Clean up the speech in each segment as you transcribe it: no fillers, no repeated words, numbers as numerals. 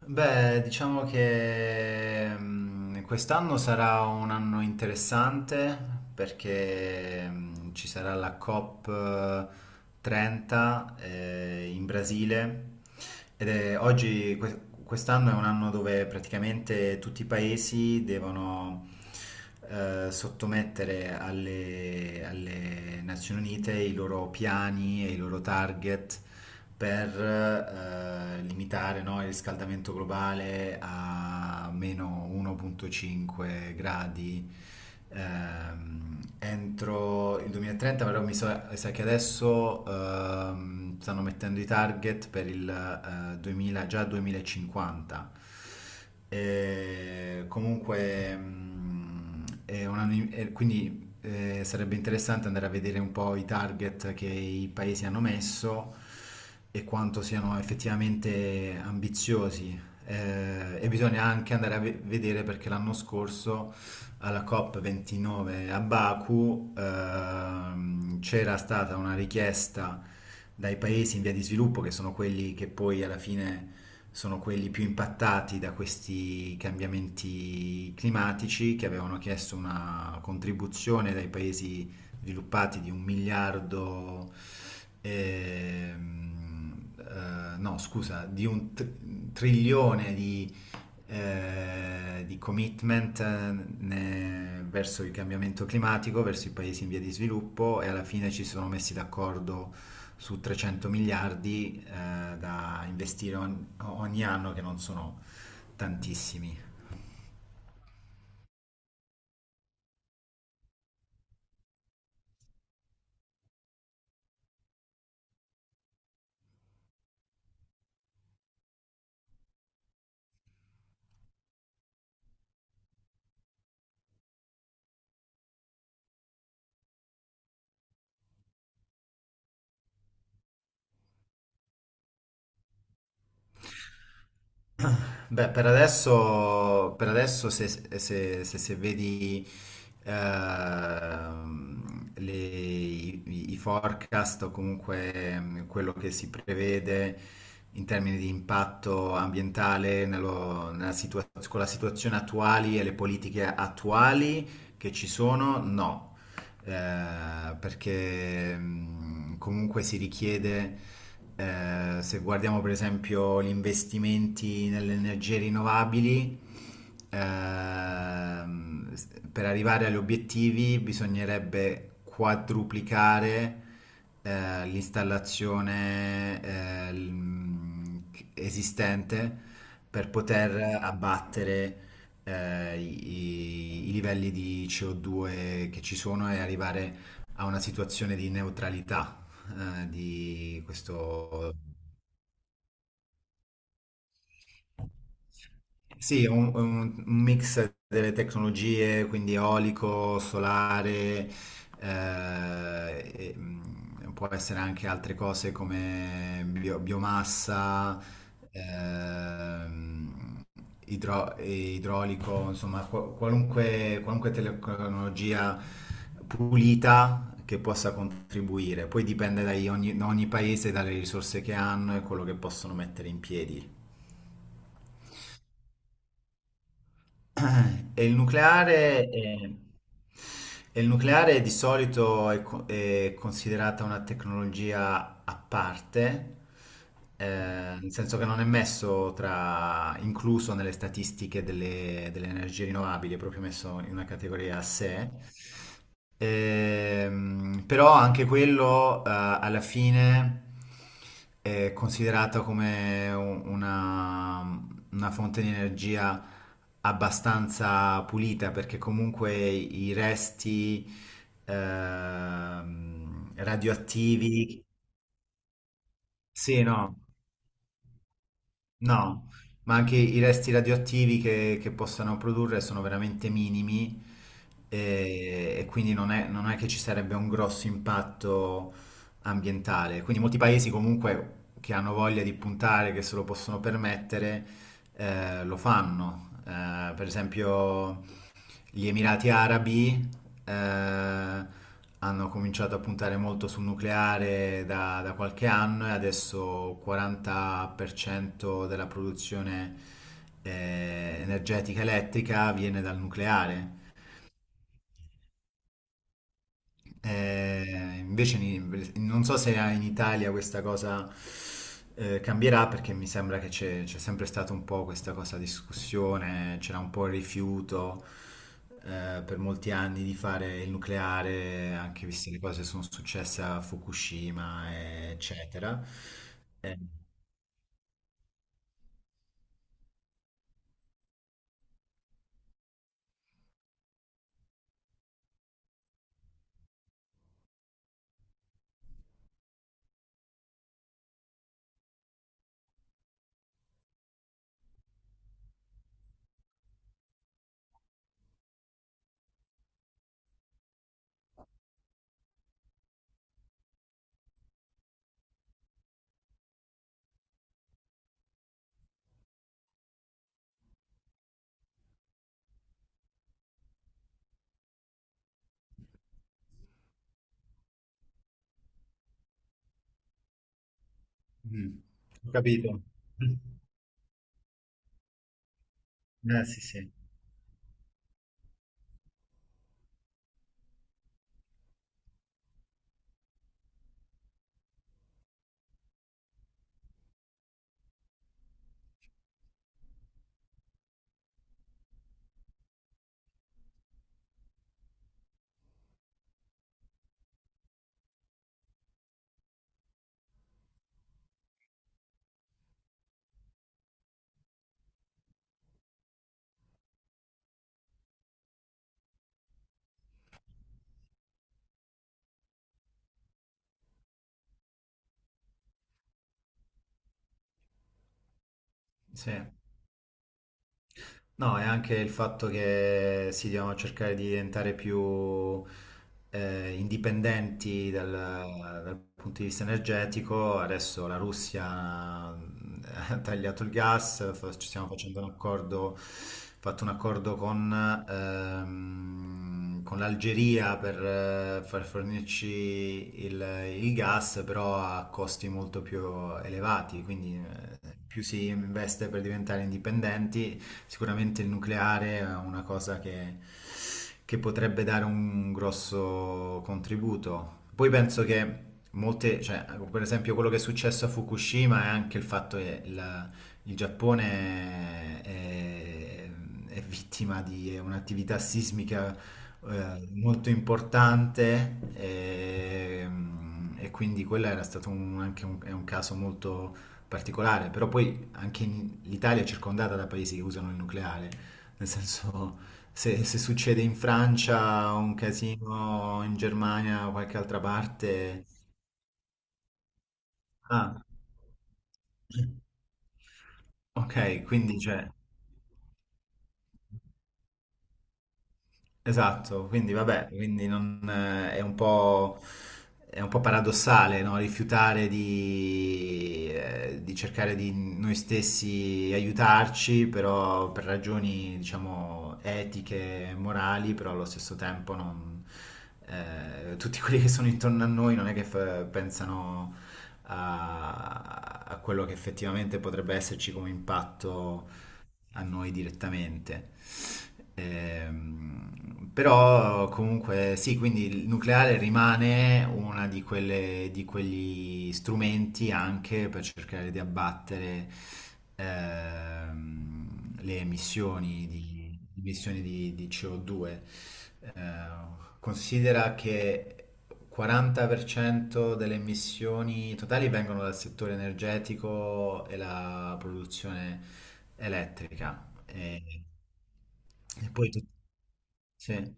Beh, diciamo che quest'anno sarà un anno interessante perché ci sarà la COP30 in Brasile oggi quest'anno è un anno dove praticamente tutti i paesi devono sottomettere alle Nazioni Unite i loro piani e i loro target per limitare, no, il riscaldamento globale a meno 1,5 gradi entro il 2030. Però mi sa che adesso stanno mettendo i target per il 2000, già 2050. E comunque, quindi sarebbe interessante andare a vedere un po' i target che i paesi hanno messo e quanto siano effettivamente ambiziosi. E bisogna anche andare a vedere perché l'anno scorso alla COP29 a Baku c'era stata una richiesta dai paesi in via di sviluppo, che sono quelli che poi alla fine sono quelli più impattati da questi cambiamenti climatici, che avevano chiesto una contribuzione dai paesi sviluppati di un miliardo, no scusa, di un trilione di commitment verso il cambiamento climatico, verso i paesi in via di sviluppo e alla fine ci sono messi d'accordo su 300 miliardi da investire ogni anno, che non sono tantissimi. Beh, per adesso se vedi i forecast o comunque quello che si prevede in termini di impatto ambientale con la situazione attuali e le politiche attuali che ci sono, no perché comunque si richiede, se guardiamo per esempio gli investimenti nelle energie rinnovabili, per arrivare agli obiettivi bisognerebbe quadruplicare l'installazione eh, l- mh, esistente per poter abbattere i livelli di CO2 che ci sono e arrivare a una situazione di neutralità, di questo... Sì, è un mix delle tecnologie, quindi eolico, solare, può essere anche altre cose come biomassa, ehm, idraulico, insomma, qualunque tecnologia pulita che possa contribuire. Poi dipende da ogni paese, dalle risorse che hanno e quello che possono mettere in piedi. E il nucleare, è- e il nucleare di solito è considerata una tecnologia a parte, eh, nel senso che non è messo tra, incluso nelle statistiche delle energie rinnovabili, è proprio messo in una categoria a sé. Però anche quello alla fine è considerato come una fonte di energia abbastanza pulita perché comunque i resti radioattivi, sì, no. No, ma anche i resti radioattivi che possano produrre sono veramente minimi e quindi non è, non è che ci sarebbe un grosso impatto ambientale. Quindi molti paesi comunque che hanno voglia di puntare, che se lo possono permettere, lo fanno. Per esempio gli Emirati Arabi eh, hanno cominciato a puntare molto sul nucleare da qualche anno e adesso il 40% della produzione energetica elettrica viene dal nucleare. Non so se in Italia questa cosa cambierà perché mi sembra che c'è sempre stata un po' questa cosa discussione, c'era un po' il rifiuto per molti anni di fare il nucleare, anche viste le cose che sono successe a Fukushima, eccetera. Eh, mm, Ho capito. Eh, sì, sì. Sì. No, è anche il fatto che si devono cercare di diventare più indipendenti dal punto di vista energetico. Adesso la Russia ha tagliato il gas, ci stiamo facendo un accordo, fatto un accordo con l'Algeria per far fornirci il gas, però a costi molto più elevati, quindi più si investe per diventare indipendenti, sicuramente il nucleare è una cosa che potrebbe dare un grosso contributo. Poi penso che molte, cioè, per esempio quello che è successo a Fukushima è anche il fatto che il Giappone è vittima di un'attività sismica molto importante e quindi quello era stato è un caso molto particolare, però poi anche l'Italia è circondata da paesi che usano il nucleare, nel senso se succede in Francia un casino, in Germania o qualche altra parte... Ah, ok, quindi c'è... Esatto, quindi vabbè, quindi non, è un po' paradossale, no? Rifiutare di cercare di noi stessi aiutarci, però per ragioni, diciamo, etiche e morali, però allo stesso tempo non, tutti quelli che sono intorno a noi non è che pensano a, a quello che effettivamente potrebbe esserci come impatto a noi direttamente. Però comunque sì, quindi il nucleare rimane una di quelle, di quegli strumenti anche per cercare di abbattere le emissioni emissioni di CO2. Eh, Considera che 40% delle emissioni totali vengono dal settore energetico e la produzione elettrica. E poi tut- sì.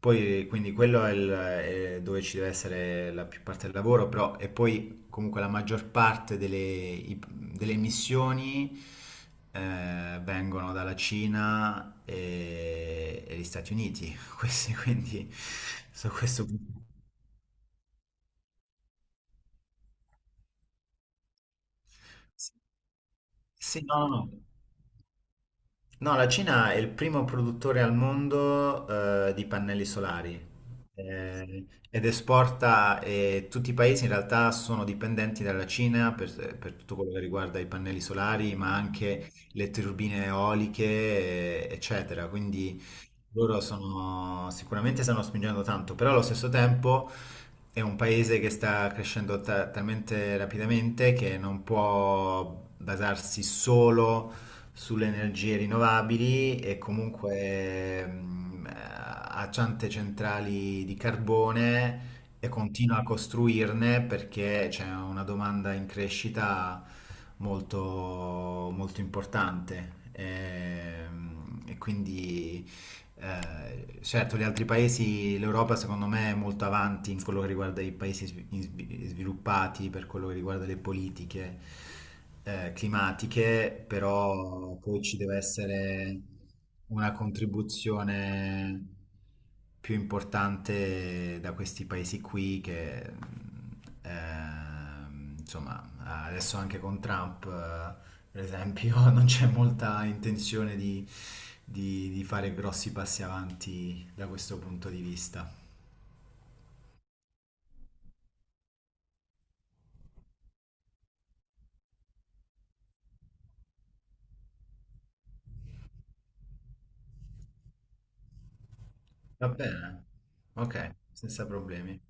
Poi, quindi quello è, è dove ci deve essere la più parte del lavoro, però e poi comunque la maggior parte delle emissioni vengono dalla Cina e gli Stati Uniti, questi, quindi su questo punto. Sì, sì, no, no, no. No, la Cina è il primo produttore al mondo di pannelli solari ed esporta, e tutti i paesi in realtà sono dipendenti dalla Cina per tutto quello che riguarda i pannelli solari, ma anche le turbine eoliche, eccetera. Quindi loro sono, sicuramente stanno spingendo tanto, però allo stesso tempo è un paese che sta crescendo talmente rapidamente che non può basarsi solo sulle energie rinnovabili e comunque ha tante centrali di carbone e continua a costruirne perché c'è una domanda in crescita molto, molto importante. Quindi certo, gli altri paesi, l'Europa secondo me è molto avanti in quello che riguarda i paesi sviluppati, per quello che riguarda le politiche climatiche, però poi ci deve essere una contribuzione più importante da questi paesi qui che, insomma, adesso anche con Trump... per esempio, non c'è molta intenzione di, di fare grossi passi avanti da questo punto di vista. Va bene? Ok, senza problemi.